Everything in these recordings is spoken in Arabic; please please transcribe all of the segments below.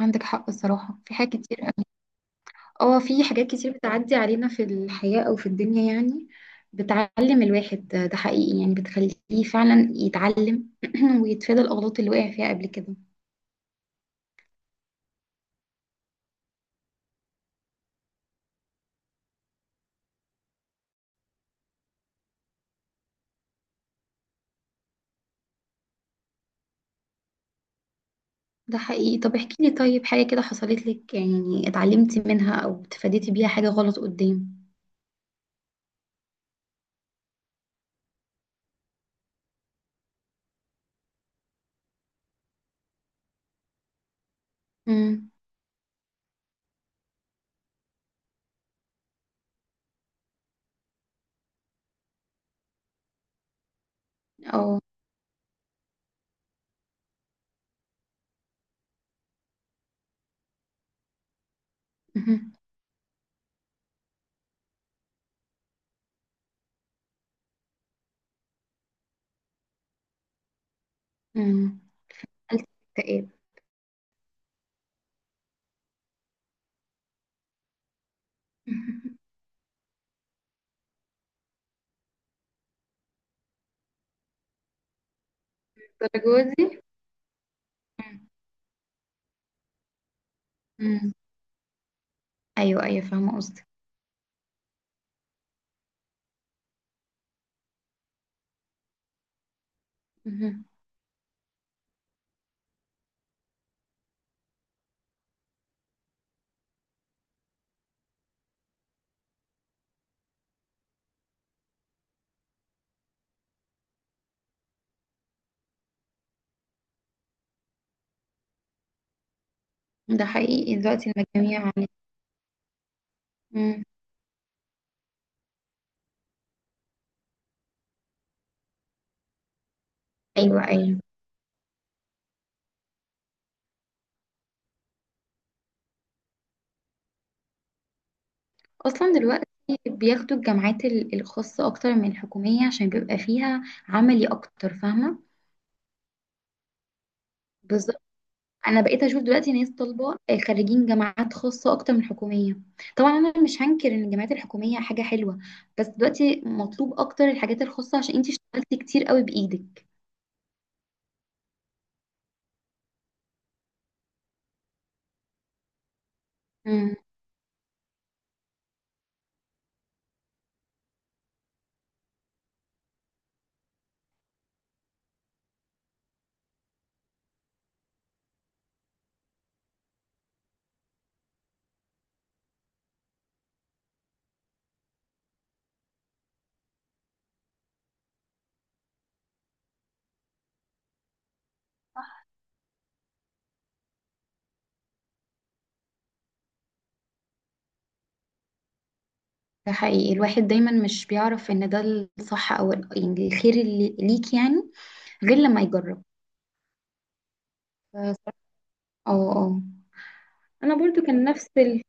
عندك حق، الصراحة في حاجات كتير قوي. اه، في حاجات كتير بتعدي علينا في الحياة أو في الدنيا يعني بتعلم الواحد، ده حقيقي يعني بتخليه فعلا يتعلم ويتفادى الأغلاط اللي وقع فيها قبل كده. ده حقيقي. طب احكي لي، طيب حاجة كده حصلت لك يعني اتعلمتي منها أو اتفاديتي بيها حاجة غلط قدام؟ امم. اه. مهم. امم. قلت اكتئاب الدرجة دي؟ مم. مم. أيوه أيوه فاهمة قصدك. مهم. ده حقيقي، دلوقتي المجاميع عليه. ايوه ايوه، اصلا دلوقتي بياخدوا الجامعات الخاصه اكتر من الحكوميه عشان بيبقى فيها عملي اكتر، فاهمه؟ بالظبط. انا بقيت اشوف دلوقتي ناس طالبه، خريجين جامعات خاصه اكتر من الحكوميه. طبعا انا مش هنكر ان الجامعات الحكوميه حاجه حلوه، بس دلوقتي مطلوب اكتر الحاجات الخاصه عشان انتي اشتغلتي كتير قوي بايدك. امم. ده حقيقي، الواحد دايما مش بيعرف ان ده الصح او يعني الخير اللي ليك يعني، غير لما يجرب. ف- اه اه. انا برضو كان نفس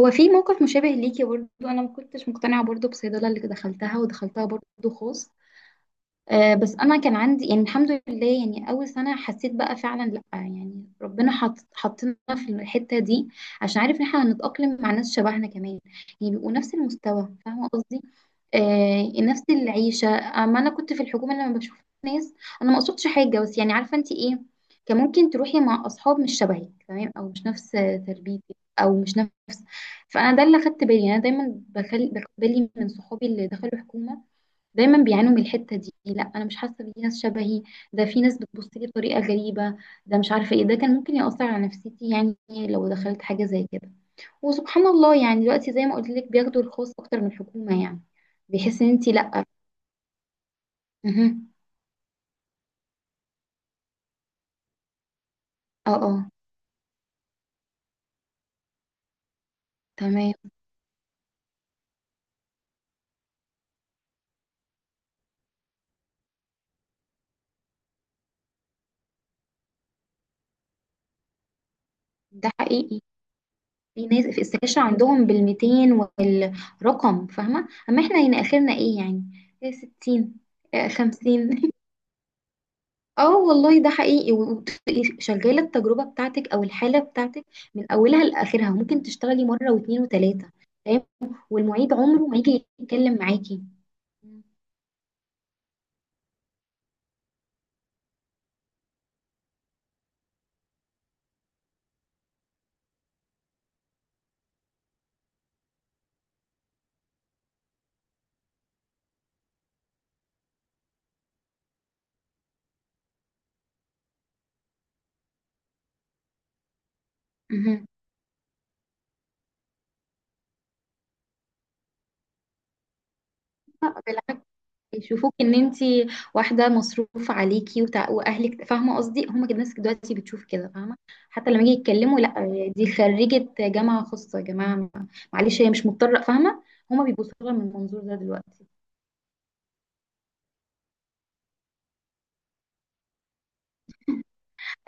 هو في موقف مشابه ليكي برضه، انا ما كنتش مقتنعه برضه بصيدله اللي دخلتها، ودخلتها برضه خاص. بس انا كان عندي يعني الحمد لله، يعني اول سنه حسيت بقى فعلا لا، يعني ربنا حطنا في الحته دي عشان عارف ان احنا هنتاقلم مع ناس شبهنا كمان، يعني بيبقوا نفس المستوى، فاهمه قصدي. آه نفس العيشه، اما انا كنت في الحكومه لما بشوف ناس، انا ما قصدتش حاجه بس يعني عارفه انت ايه، كان ممكن تروحي مع اصحاب مش شبهك تمام او مش نفس تربيتك او مش نفس. فانا ده اللي خدت بالي يعني، انا دايما باخد بالي من صحابي اللي دخلوا حكومه دايما بيعانوا من الحتة دي، لا انا مش حاسة بيه ناس شبهي، ده في ناس بتبص لي بطريقة غريبة، ده مش عارفة ايه، ده كان ممكن يأثر على نفسيتي يعني لو دخلت حاجة زي كده. وسبحان الله يعني دلوقتي زي ما قلت لك، بياخدوا الخاص اكتر من الحكومة، يعني بيحس ان انت لا. مهم. اه اه. تمام. ده حقيقي. في ناس في السكاشن عندهم بال200 والرقم، فاهمة؟ اما احنا هنا اخرنا ايه يعني؟ إيه، 60. 50. اه والله ده حقيقي. وتبقي شغاله التجربه بتاعتك او الحاله بتاعتك من اولها لاخرها، وممكن تشتغلي مره واثنين وثلاثه. تمام. والمعيد عمره ما يجي يتكلم معاكي. مهم. لا، بالعكس، يشوفوك ان انت واحده مصروف عليكي واهلك، فاهمه قصدي؟ هما كده الناس دلوقتي بتشوف كده، فاهمه؟ حتى لما يجي يتكلموا لا دي خريجه جامعه خاصه يا جماعه، معلش هي مش مضطره، فاهمه؟ هما بيبصوا لها من المنظور ده دلوقتي.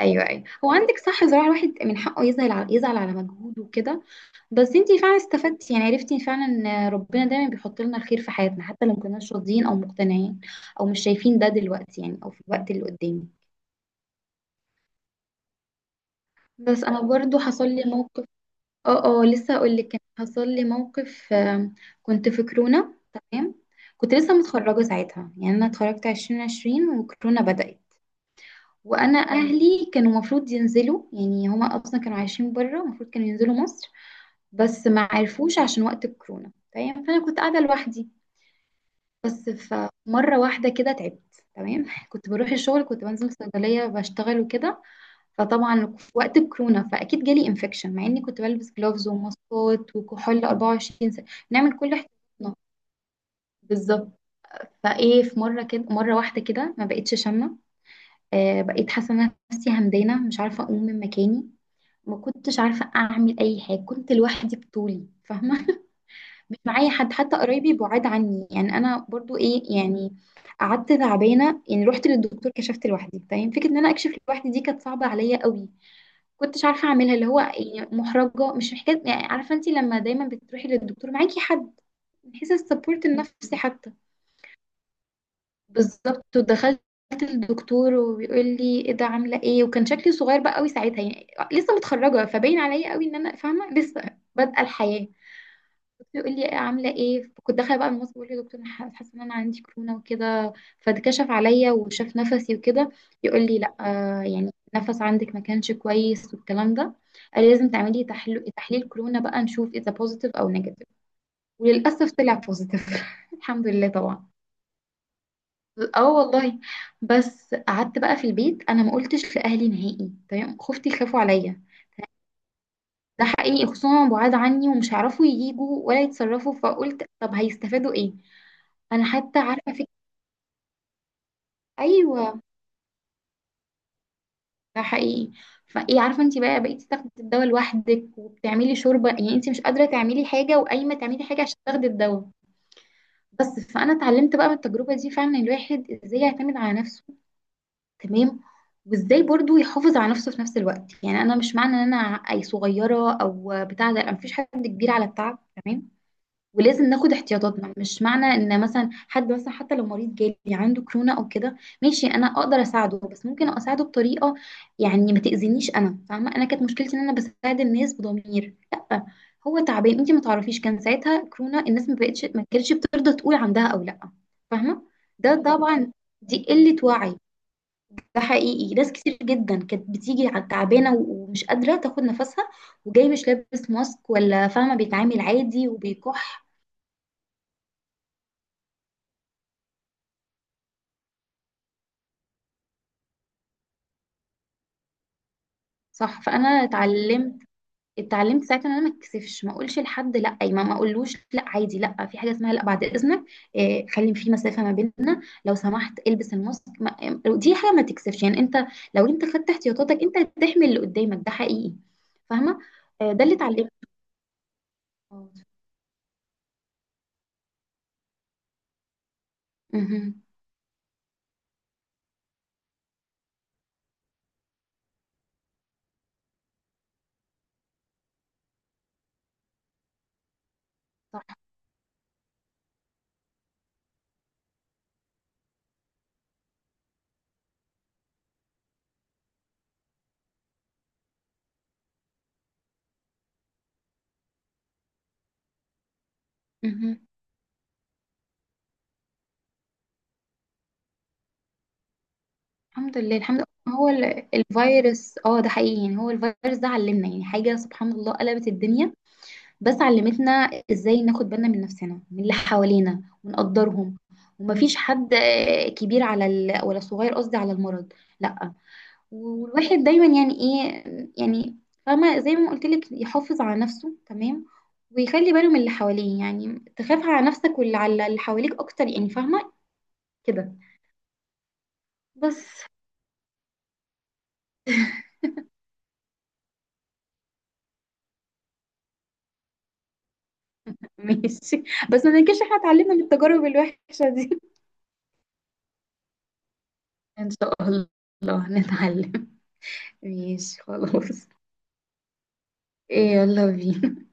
ايوه ايوه، هو عندك صح، زراعة الواحد من حقه يزعل على، مجهوده وكده. بس انتي فعلا استفدتي، يعني عرفتي فعلا ان ربنا دايما بيحط لنا الخير في حياتنا حتى لو مكناش راضيين او مقتنعين او مش شايفين ده دلوقتي، يعني او في الوقت اللي قدامي. بس انا برضو حصل لي موقف. اه اه، لسه اقول لك. كان حصل لي موقف كنت في كورونا. تمام. كنت لسه متخرجة ساعتها، يعني انا اتخرجت 2020 وكورونا بدأت. وانا اهلي كانوا المفروض ينزلوا، يعني هما اصلا كانوا عايشين بره، المفروض كانوا ينزلوا مصر بس ما عرفوش عشان وقت الكورونا. تمام. فانا كنت قاعده لوحدي. بس فمره واحده كده تعبت. تمام. كنت بروح الشغل، كنت بنزل صيدليه بشتغل وكده. فطبعا وقت الكورونا فاكيد جالي انفكشن، مع اني كنت بلبس جلوفز وماسكات وكحول 24 ساعه، نعمل كل احتياطاتنا. بالظبط. فايه في مره كده، مره واحده كده ما بقتش شامه. بقيت حاسه إن أنا نفسي همدانه، مش عارفه اقوم من مكاني، ما كنتش عارفه اعمل اي حاجه، كنت لوحدي بطولي، فاهمه؟ مش معايا حد، حتى قرايبي بعاد عني، يعني انا برضو ايه يعني. قعدت تعبانه يعني، رحت للدكتور، كشفت لوحدي، فاهم فكره ان انا اكشف لوحدي دي كانت صعبه عليا قوي، كنتش عارفه اعملها. اللي هو يعني محرجه، مش محتاج يعني، عارفه انت لما دايما بتروحي للدكتور معاكي حد، من حيث السبورت النفسي حتى. بالظبط. ودخلت الدكتور، وبيقول لي ايه ده عامله ايه، وكان شكلي صغير بقى قوي ساعتها، يعني لسه متخرجه، فباين عليا قوي ان انا فاهمه لسه بادئه الحياه. الدكتور يقول لي عامله ايه، كنت داخله بقى المصري، بقول له دكتور انا حاسه ان انا عندي كورونا وكده. فاتكشف عليا وشاف نفسي وكده. يقول لي لا آه، يعني النفس عندك ما كانش كويس والكلام ده. قال لي لازم تعملي تحليل كورونا بقى نشوف اذا بوزيتيف او نيجاتيف. وللاسف طلع بوزيتيف الحمد لله طبعا. اه والله. بس قعدت بقى في البيت، انا ما قلتش لاهلي نهائي. تمام. خفتي يخافوا عليا، ده حقيقي، خصوصا هما بعاد عني ومش هيعرفوا يجوا ولا يتصرفوا، فقلت طب هيستفادوا ايه. انا حتى عارفه فكره. ايوه. ده حقيقي. فايه عارفه انت بقى، بقيتي تاخدي الدواء لوحدك وبتعملي شوربه يعني، انت مش قادره تعملي حاجه وقايمه تعملي حاجه عشان تاخدي الدواء. بس فانا اتعلمت بقى من التجربه دي فعلا، الواحد ازاي يعتمد على نفسه. تمام. وازاي برضو يحافظ على نفسه في نفس الوقت. يعني انا مش معنى ان انا اي صغيره او بتاع ده، أنا مفيش حد كبير على التعب. تمام. ولازم ناخد احتياطاتنا. مش معنى ان مثلا حد مثلا حتى لو مريض جالي عنده كورونا او كده، ماشي انا اقدر اساعده بس ممكن اساعده بطريقه يعني ما تاذينيش. انا فاهمه، انا كانت مشكلتي ان انا بساعد الناس بضمير، لا. هو تعبان انت ما تعرفيش، كان ساعتها كورونا الناس ما بقتش، ما كانتش بترضى تقول عندها او لا، فاهمه؟ ده بالظبط طبعا، دي قله وعي. ده حقيقي. ناس كتير جدا كانت بتيجي تعبانه ومش قادره تاخد نفسها، وجاي مش لابس ماسك ولا، فاهمه؟ بيتعامل عادي وبيكح. صح. فانا اتعلمت، ساعتها ان انا ما اتكسفش، ما اقولش لحد لا، أي ما اقولوش لا عادي، لا في حاجه اسمها لا بعد اذنك، إيه خلي في مسافه ما بيننا لو سمحت البس الماسك دي حاجه ما تكسفش يعني انت، لو انت خدت احتياطاتك انت هتحمي اللي قدامك، ده حقيقي، فاهمه؟ ده اللي اتعلمته. مهم. صح. مهم. الحمد لله، الحمد لله. هو الفيروس اه ده حقيقي يعني، هو الفيروس ده علمنا يعني حاجه، سبحان الله قلبت الدنيا، بس علمتنا ازاي ناخد بالنا من نفسنا، من اللي حوالينا، ونقدرهم. ومفيش حد كبير على ولا صغير، قصدي على المرض، لا. والواحد دايما يعني ايه يعني، فاهمة زي ما قلت لك، يحافظ على نفسه. تمام. ويخلي باله من اللي حواليه، يعني تخاف على نفسك واللي على اللي حواليك اكتر يعني، فاهمة كده؟ بس ماشي. بس ما ننكرش احنا اتعلمنا من التجارب الوحشة دي. ان شاء الله نتعلم. ماشي خلاص. إيه، يلا بينا